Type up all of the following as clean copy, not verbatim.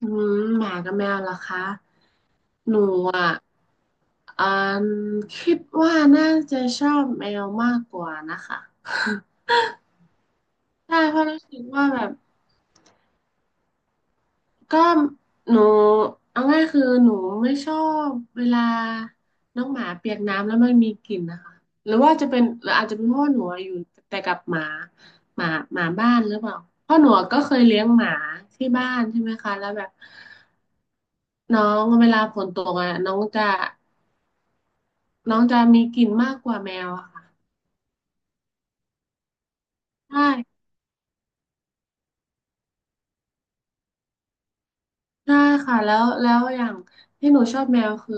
อืมหมากับแมวเหรอคะหนูอ่ะอ่าคิดว่าน่าจะชอบแมวมากกว่านะคะใช่เพราะรู้สึกว่าแบบก็หนูเอาง่ายคือหนูไม่ชอบเวลาน้องหมาเปียกน้ำแล้วมันมีกลิ่นนะคะหรือว่าจะเป็นหรืออาจจะเป็นเพราะว่าหนูอะอยู่แต่กับหมาหมาหมาบ้านหรือเปล่าเพราะหนูก็เคยเลี้ยงหมาที่บ้านใช่ไหมคะแล้วแบบน้องเวลาฝนตกอ่ะน้องจะมีกลิ่นมากกว่าแมวอะค่ะใช่ใช่ค่ะแล้วแล้วอย่างที่หนูชอบแมวคือ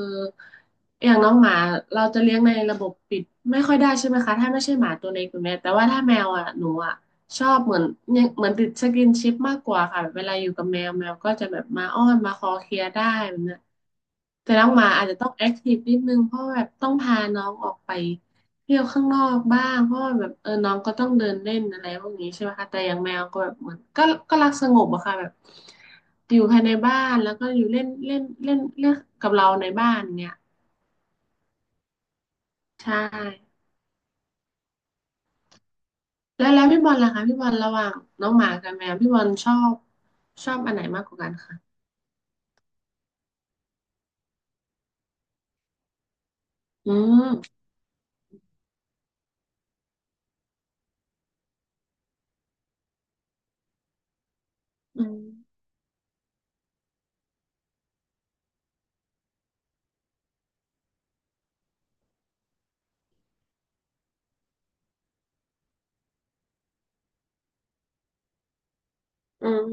อย่างน้องหมาเราจะเลี้ยงในระบบปิดไม่ค่อยได้ใช่ไหมคะถ้าไม่ใช่หมาตัวเล็กตัวเนี้ยแต่ว่าถ้าแมวอะหนูอะชอบเหมือนเนี่ยเหมือนติดสกินชิปมากกว่าค่ะแบบเวลาอยู่กับแมวแมวก็จะแบบมาอ้อนมาคอเคลียร์ได้แบบเนี้ยแต่น้องหมาอาจจะต้องแอคทีฟนิดนึงเพราะแบบต้องพาน้องออกไป เที่ยวข้างนอกบ้างเพราะว่าแบบเออน้องก็ต้องเดินเล่นอะไรพวกนี้ใช่ไหมคะแต่อย่างแมวก็แบบเหมือนก็รักสงบอะค่ะแบบอยู่ภายในบ้านแล้วก็อยู่เล่นเล่นเล่นเล่นกับเราในบ้านเนี่ยใช่แล้วแล้วพี่บอลล่ะคะพี่บอลระหว่างน้องหมากับแมวพี่บอลชอบอันไหนมากกว่ากันคะอืมอืมอืม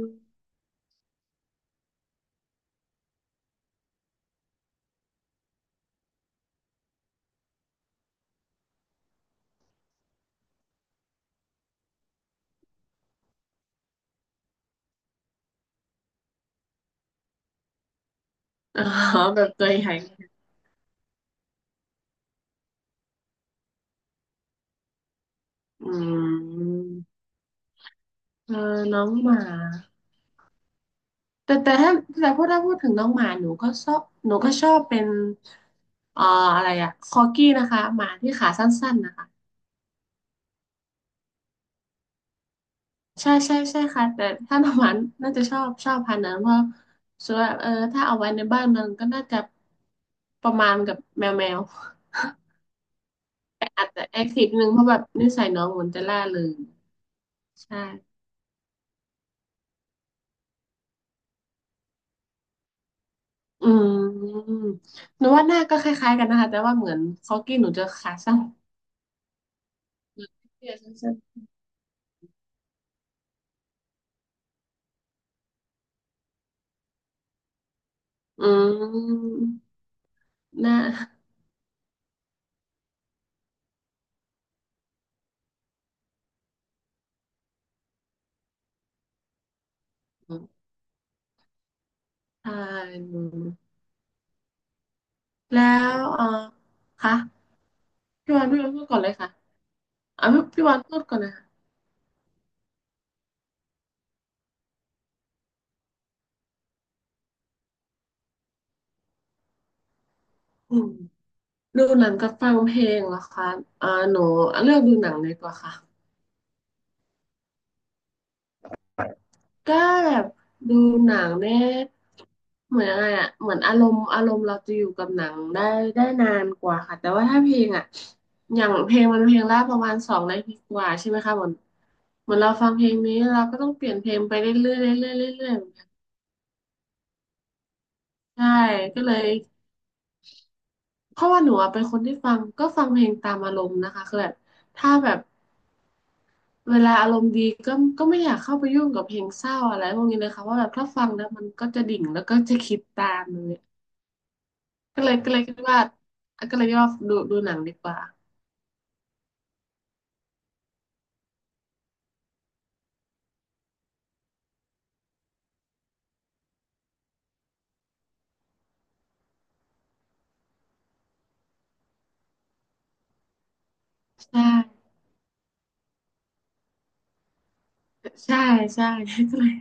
อ๋อแบบตัวใหญ่อืมเออน้องหมา แต่ถ้าแต่พูดถ้าพูดถึงน้องหมาหนูก็ชอบหนูก็ชอบเป็นเอ่ออะไรอะคอกี้นะคะหมาที่ขาสั้นๆนะคะใช่ใช่ใช่ค่ะแต่ถ้าน้องหมาน่าจะชอบพันธุ์นั้นเพราะส่วนเออถ้าเอาไว้ในบ้านมันก็น่าจะประมาณกับแมวแต่อาจจะแอคทีฟนึงเพราะแบบนิสัยน้องเหมือนจะล่าเริงใช่อืมหนูว่าหน้าก็คล้ายๆกันนะคะแต่ว่าเหมือนคอกี้หนูจะขาสั้นเหมือนเสื้อสั้นๆอืมหน้า อ่านแล้วเออคะพี่วานพูดก่อนเลยค่ะอ่าพี่วานพูดก่อนเลยค่ะอืมดูหนังกับฟังเพลงเหรอคะอ่าหนูเลือกดูหนังดีกว่าค่ะก็แบบดูหนังเนี่ยเหมือนอะไรอ่ะเหมือนอารมณ์เราจะอยู่กับหนังได้ได้นานกว่าค่ะแต่ว่าถ้าเพลงอ่ะอย่างเพลงมันเพลงละประมาณสองนาทีกว่าใช่ไหมคะเหมือนเราฟังเพลงนี้เราก็ต้องเปลี่ยนเพลงไปเรื่อยๆเรื่อยๆเรื่อยๆเหมือนกันใช่ก็เลย เพราะว่าหนูอะเป็นคนที่ฟังก็ฟังเพลงตามอารมณ์นะคะคือแบบถ้าแบบเวลาอารมณ์ดีก็ก็ไม่อยากเข้าไปยุ่งกับเพลงเศร้าอะไรพวกนี้เลยค่ะว่าแบบถ้าฟังแล้วมันก็จะดิ่งแล้วก็จะคิดตามเลยก็เลยคิดว่าก็เลยคิดว่าดูหนังดีกว่าใช่ใช่ใช่ก็เลย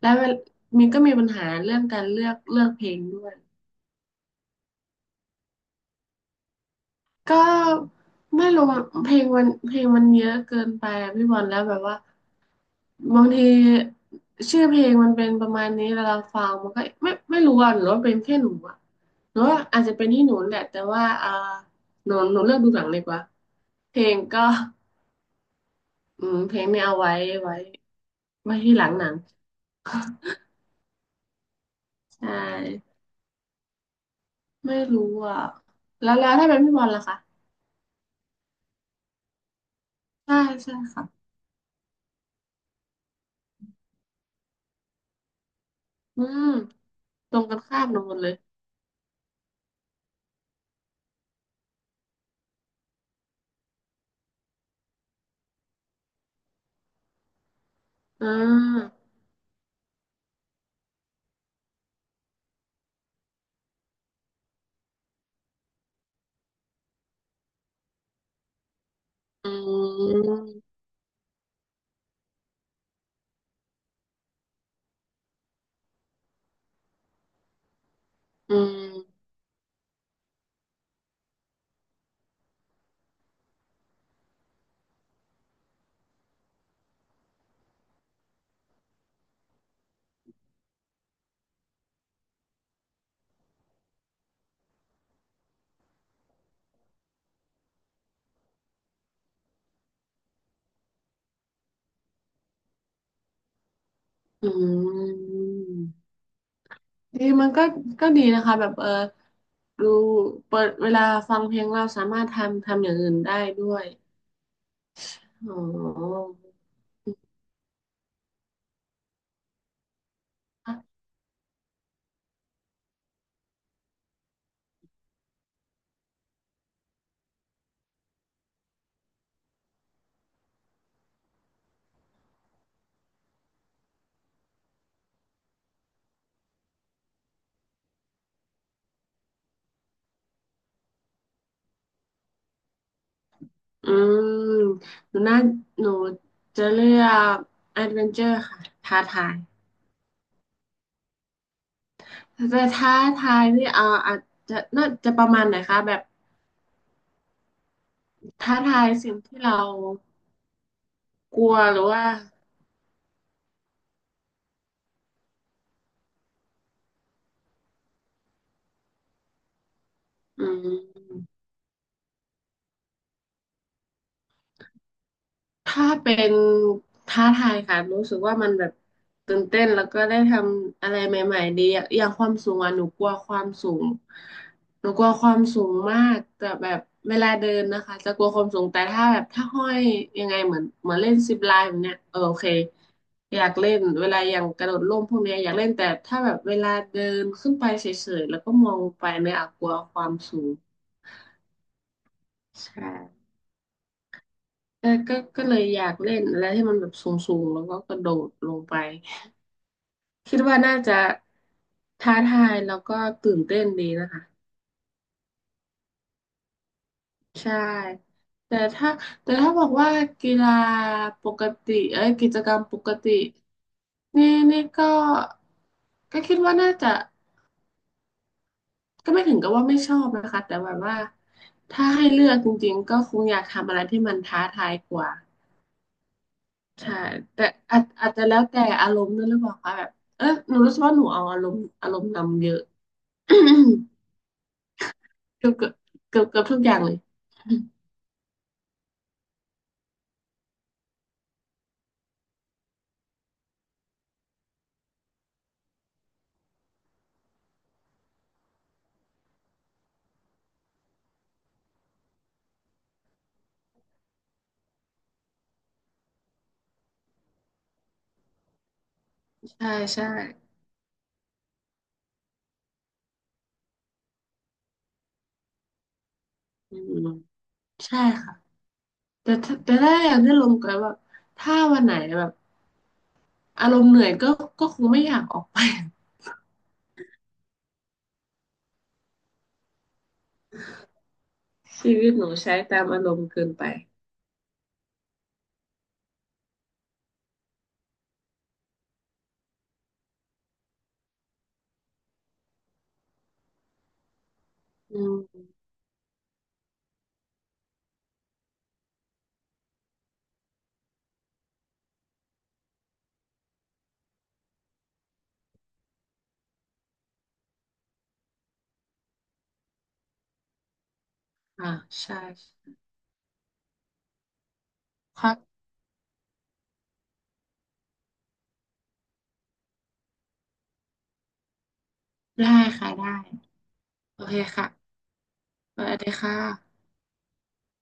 แล้วเวลมีปัญหาเรื่องการเลือกเพลงด้วยก็ไม่รู้เพลงมันเยอะเกินไปอะพี่บอลแล้วแบบว่า บางทีชื่อเพลงมันเป็นประมาณนี้เวลาฟังมันก็ไม่รู้อ่ะหรือว่าเป็นแค่หนูอ่ะหรือว่าอาจจะเป็นที่หนูแหละแต่ว่าอ่าหนูเลือกดูหนังดีกว่าเพลงก็อืมเพลงเนี่ยเอาไว้ไว้ไว้ที่หลังหนังใช่ไม่รู้อ่ะแล้วแล้วถ้าเป็นพี่บอลล่ะคะใช่ใช่ค่ะอืมตรงกันข้ามหนูหมดเลยอ่าอืมอืมอืม ดีมันก็ดีนะคะแบบเออดูเปิดเวลาฟังเพลงเราสามารถทำอย่างอื่นได้ด้วยอ๋ออืมหนูน่าหนูจะเลือกแอดเวนเจอร์ค่ะท้าทายท้าทายนี่เอออาจจะน่าจะประมาณไหนคะแบบท้าทายสิ่งที่เรากลัวหรือว่าอืม ถ้าเป็นท้าทายค่ะรู้สึกว่ามันแบบตื่นเต้นแล้วก็ได้ทำอะไรใหม่ๆดีอะอย่างความสูงอ่ะหนูกลัวความสูงหนูกลัวความสูงมากแต่แบบเวลาเดินนะคะจะกลัวความสูงแต่ถ้าแบบถ้าห้อยยังไงเหมือนเล่นซิปไลน์แบบเนี้ยเออโอเคอยากเล่นเวลาอย่างกระโดดร่มพวกเนี้ยอยากเล่นแต่ถ้าแบบเวลาเดินขึ้นไปเฉยๆแล้วก็มองลงไปเนี่ยอะกลัวความสูงใช่ เอก็เลยอยากเล่นอะไรที่มันแบบสูงๆแล้วก็กระโดดลงไป คิดว่าน่าจะท้าทายแล้วก็ตื่นเต้นดีนะคะ ใช่ แต่ถ้าแต่ถ้าบอกว่ากีฬาปกติเอ้ยกิจกรรมปกติ นี่นี่ก็ ก็คิดว่าน่าจะ ก็ไม่ถึงกับว่าไม่ชอบนะคะ แต่แบบว่า ถ้าให้เลือกจริงๆ ก็คงอยากทำอะไรที่มันท้าทายกว่า ใช่แต่อาจจะแล้วแต่อารมณ์ด้วยหรือเปล่าคะแบบเออหนูรู้สึกว่าหนูเอาอารมณ์นำเยอะ เกือบเกือบเกือบเกือบทุกอย่างเลยใช่ใช่อืมใช่ค่ะแต่ถ้าอยากได้ลมก็แบบถ้าวันไหนแบบอารมณ์เหนื่อยก็คงไม่อยากออกไป ชีวิตหนูใช้ตามอารมณ์เกินไปอืมอ่าใช่ครับได้ค่ะได้โอเคค่ะสวัสดีค่ะ